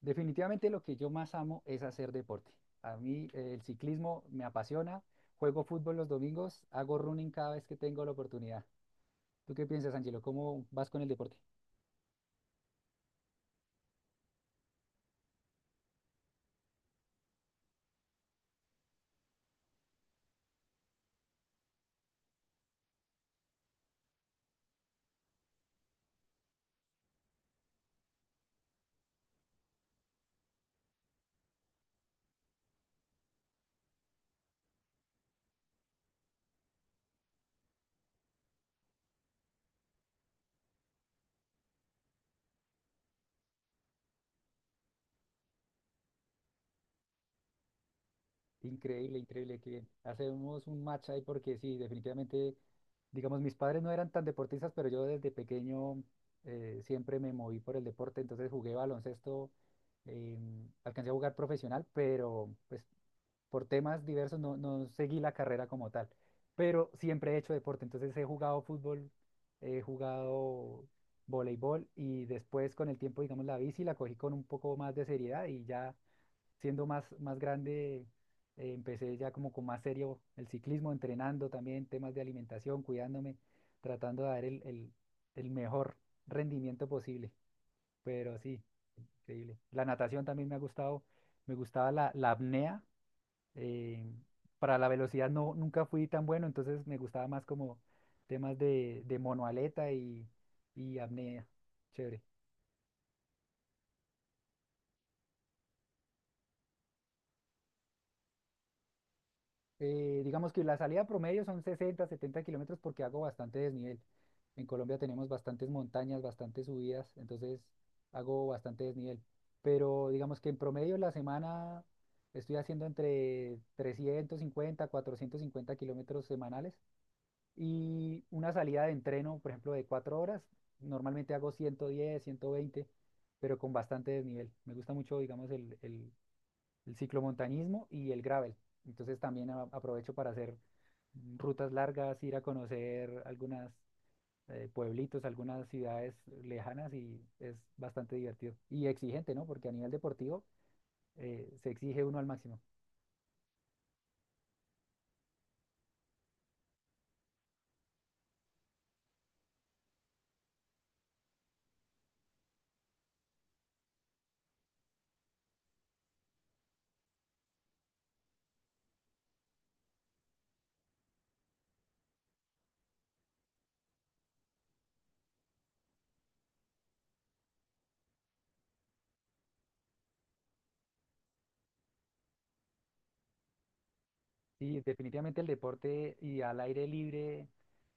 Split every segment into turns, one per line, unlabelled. Definitivamente lo que yo más amo es hacer deporte. A mí el ciclismo me apasiona, juego fútbol los domingos, hago running cada vez que tengo la oportunidad. ¿Tú qué piensas, Angelo? ¿Cómo vas con el deporte? Increíble, increíble, qué bien. Hacemos un match ahí porque sí, definitivamente, digamos, mis padres no eran tan deportistas, pero yo desde pequeño siempre me moví por el deporte, entonces jugué baloncesto, alcancé a jugar profesional, pero pues por temas diversos no seguí la carrera como tal, pero siempre he hecho deporte, entonces he jugado fútbol, he jugado voleibol y después con el tiempo, digamos, la bici la cogí con un poco más de seriedad y ya siendo más grande empecé ya como con más serio el ciclismo, entrenando también temas de alimentación, cuidándome, tratando de dar el mejor rendimiento posible, pero sí, increíble. La natación también me ha gustado, me gustaba la apnea eh, para la velocidad nunca fui tan bueno, entonces me gustaba más como temas de monoaleta y apnea. Chévere. Digamos que la salida promedio son 60, 70 kilómetros porque hago bastante desnivel. En Colombia tenemos bastantes montañas, bastantes subidas, entonces hago bastante desnivel. Pero digamos que en promedio la semana estoy haciendo entre 350, 450 kilómetros semanales y una salida de entreno, por ejemplo, de 4 horas, normalmente hago 110 120 pero con bastante desnivel. Me gusta mucho, digamos, el ciclomontañismo y el gravel. Entonces también aprovecho para hacer rutas largas, ir a conocer algunas pueblitos, algunas ciudades lejanas y es bastante divertido y exigente, ¿no? Porque a nivel deportivo se exige uno al máximo. Sí, definitivamente el deporte y al aire libre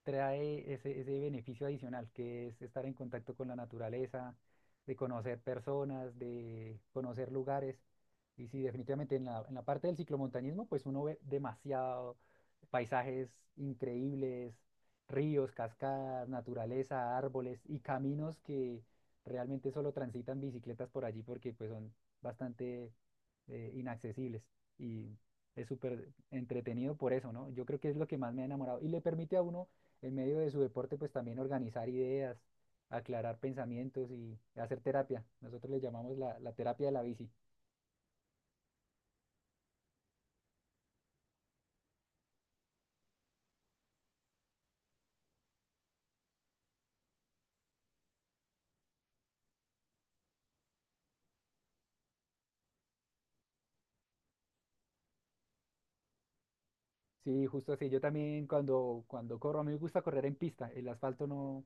trae ese beneficio adicional, que es estar en contacto con la naturaleza, de conocer personas, de conocer lugares. Y sí, definitivamente en en la parte del ciclomontañismo, pues uno ve demasiado paisajes increíbles, ríos, cascadas, naturaleza, árboles y caminos que realmente solo transitan bicicletas por allí porque pues son bastante inaccesibles. Y es súper entretenido por eso, ¿no? Yo creo que es lo que más me ha enamorado. Y le permite a uno, en medio de su deporte, pues también organizar ideas, aclarar pensamientos y hacer terapia. Nosotros le llamamos la terapia de la bici. Sí, justo así. Yo también cuando, cuando corro, a mí me gusta correr en pista. El asfalto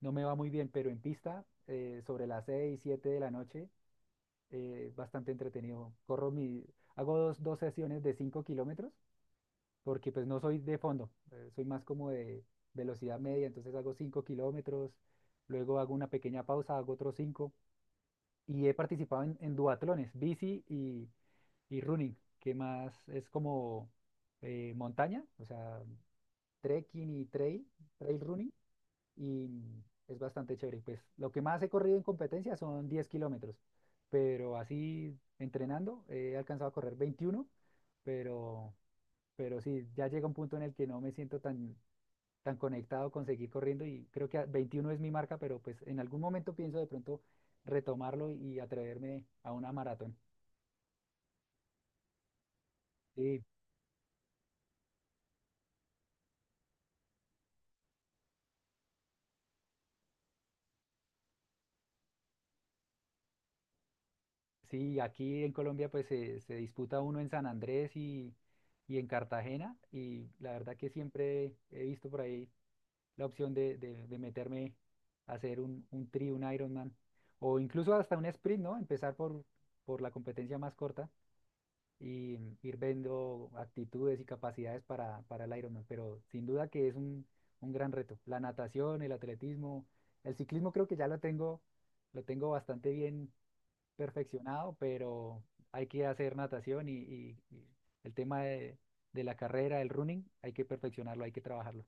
no me va muy bien, pero en pista, sobre las 6 7 de la noche, bastante entretenido. Hago dos sesiones de 5 kilómetros porque pues no soy de fondo, soy más como de velocidad media, entonces hago cinco kilómetros, luego hago una pequeña pausa, hago otros 5 y he participado en duatlones, bici y running, que más es como montaña, o sea, trekking y trail, trail running y es bastante chévere. Pues lo que más he corrido en competencia son 10 kilómetros, pero así entrenando he alcanzado a correr 21 pero pero sí, ya llega un punto en el que no me siento tan, tan conectado con seguir corriendo y creo que 21 es mi marca, pero pues en algún momento pienso de pronto retomarlo y atreverme a una maratón. Sí, sí, aquí en Colombia pues se disputa uno en San Andrés y en Cartagena y la verdad que siempre he visto por ahí la opción de meterme a hacer un tri, un Ironman o incluso hasta un sprint, ¿no? Empezar por la competencia más corta. Y ir viendo actitudes y capacidades para el Ironman, pero sin duda que es un gran reto. La natación, el atletismo, el ciclismo creo que ya lo tengo bastante bien perfeccionado, pero hay que hacer natación y, y el tema de la carrera, el running, hay que perfeccionarlo, hay que trabajarlo.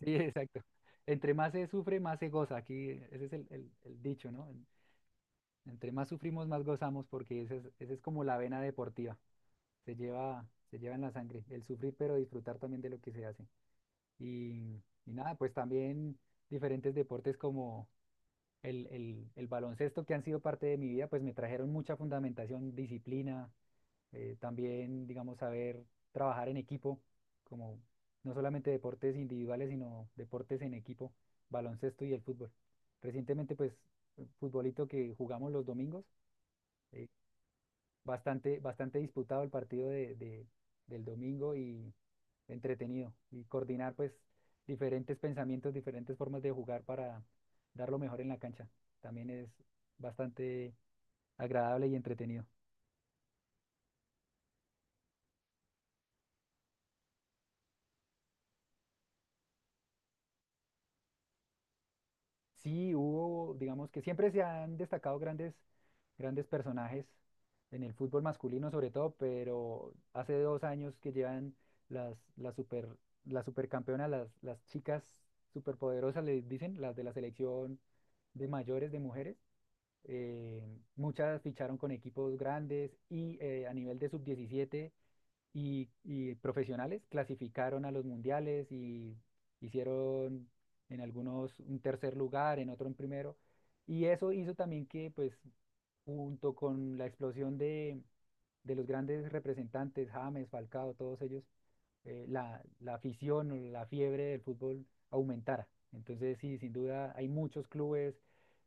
Sí, exacto. Entre más se sufre, más se goza. Aquí ese es el dicho, ¿no? Entre más sufrimos, más gozamos porque esa esa es como la vena deportiva. Se lleva, se lleva en la sangre, el sufrir pero disfrutar también de lo que se hace. Y, y nada, pues también diferentes deportes como el baloncesto que han sido parte de mi vida, pues me trajeron mucha fundamentación, disciplina, también, digamos, saber trabajar en equipo, como no solamente deportes individuales, sino deportes en equipo, baloncesto y el fútbol. Recientemente, pues, futbolito que jugamos los domingos. eh, Bastante, bastante disputado el partido del domingo y entretenido. Y coordinar pues diferentes pensamientos, diferentes formas de jugar para dar lo mejor en la cancha. También es bastante agradable y entretenido. Sí, hubo, digamos que siempre se han destacado grandes personajes en el fútbol masculino sobre todo, pero hace 2 años que llevan las, las super, las supercampeonas, las chicas superpoderosas, les dicen, las de la selección de mayores de mujeres. eh, Muchas ficharon con equipos grandes y a nivel de sub 17 y profesionales clasificaron a los mundiales y hicieron en algunos un tercer lugar, en otro un primero. Y eso hizo también que, pues, junto con la explosión de los grandes representantes, James, Falcao, todos ellos, la afición, o la fiebre del fútbol aumentara. Entonces, sí, sin duda hay muchos clubes,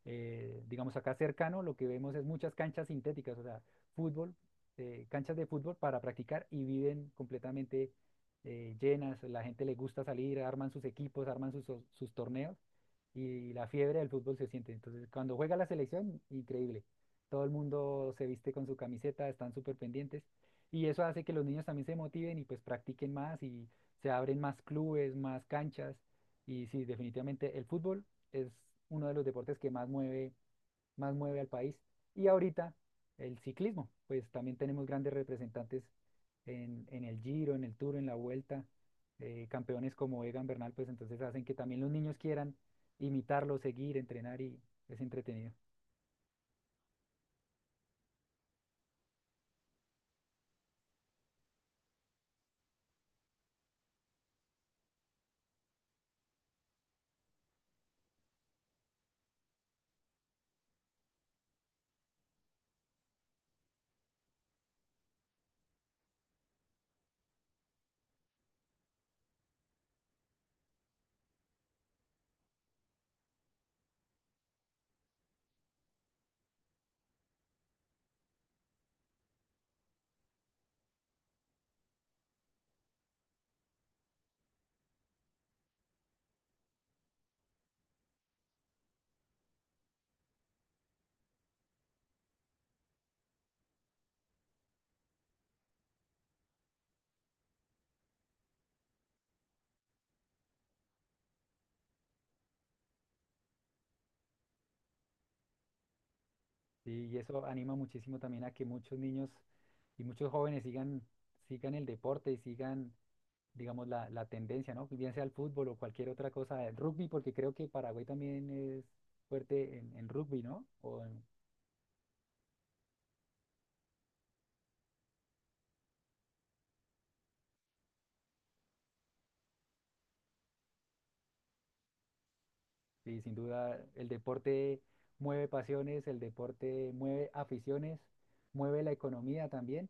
digamos acá cercano, lo que vemos es muchas canchas sintéticas, o sea, fútbol canchas de fútbol para practicar y viven completamente llenas. La gente le gusta salir, arman sus equipos, arman sus torneos y la fiebre del fútbol se siente. Entonces, cuando juega la selección, increíble. Todo el mundo se viste con su camiseta, están súper pendientes y eso hace que los niños también se motiven y pues practiquen más y se abren más clubes, más canchas. Y sí, definitivamente el fútbol es uno de los deportes que más mueve al país. Y ahorita el ciclismo, pues también tenemos grandes representantes en el Giro, en el Tour, en la Vuelta, campeones como Egan Bernal, pues entonces hacen que también los niños quieran imitarlo, seguir, entrenar y es entretenido. Y eso anima muchísimo también a que muchos niños y muchos jóvenes sigan, sigan el deporte y sigan, digamos, la tendencia, ¿no? Bien sea el fútbol o cualquier otra cosa, el rugby, porque creo que Paraguay también es fuerte en rugby, ¿no? ¿O en…? Sí, sin duda, el deporte mueve pasiones, el deporte mueve aficiones, mueve la economía también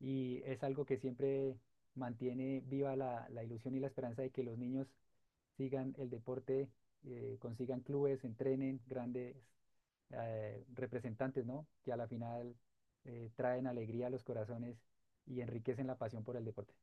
y es algo que siempre mantiene viva la ilusión y la esperanza de que los niños sigan el deporte, consigan clubes, entrenen grandes representantes, ¿no? Que a la final traen alegría a los corazones y enriquecen la pasión por el deporte.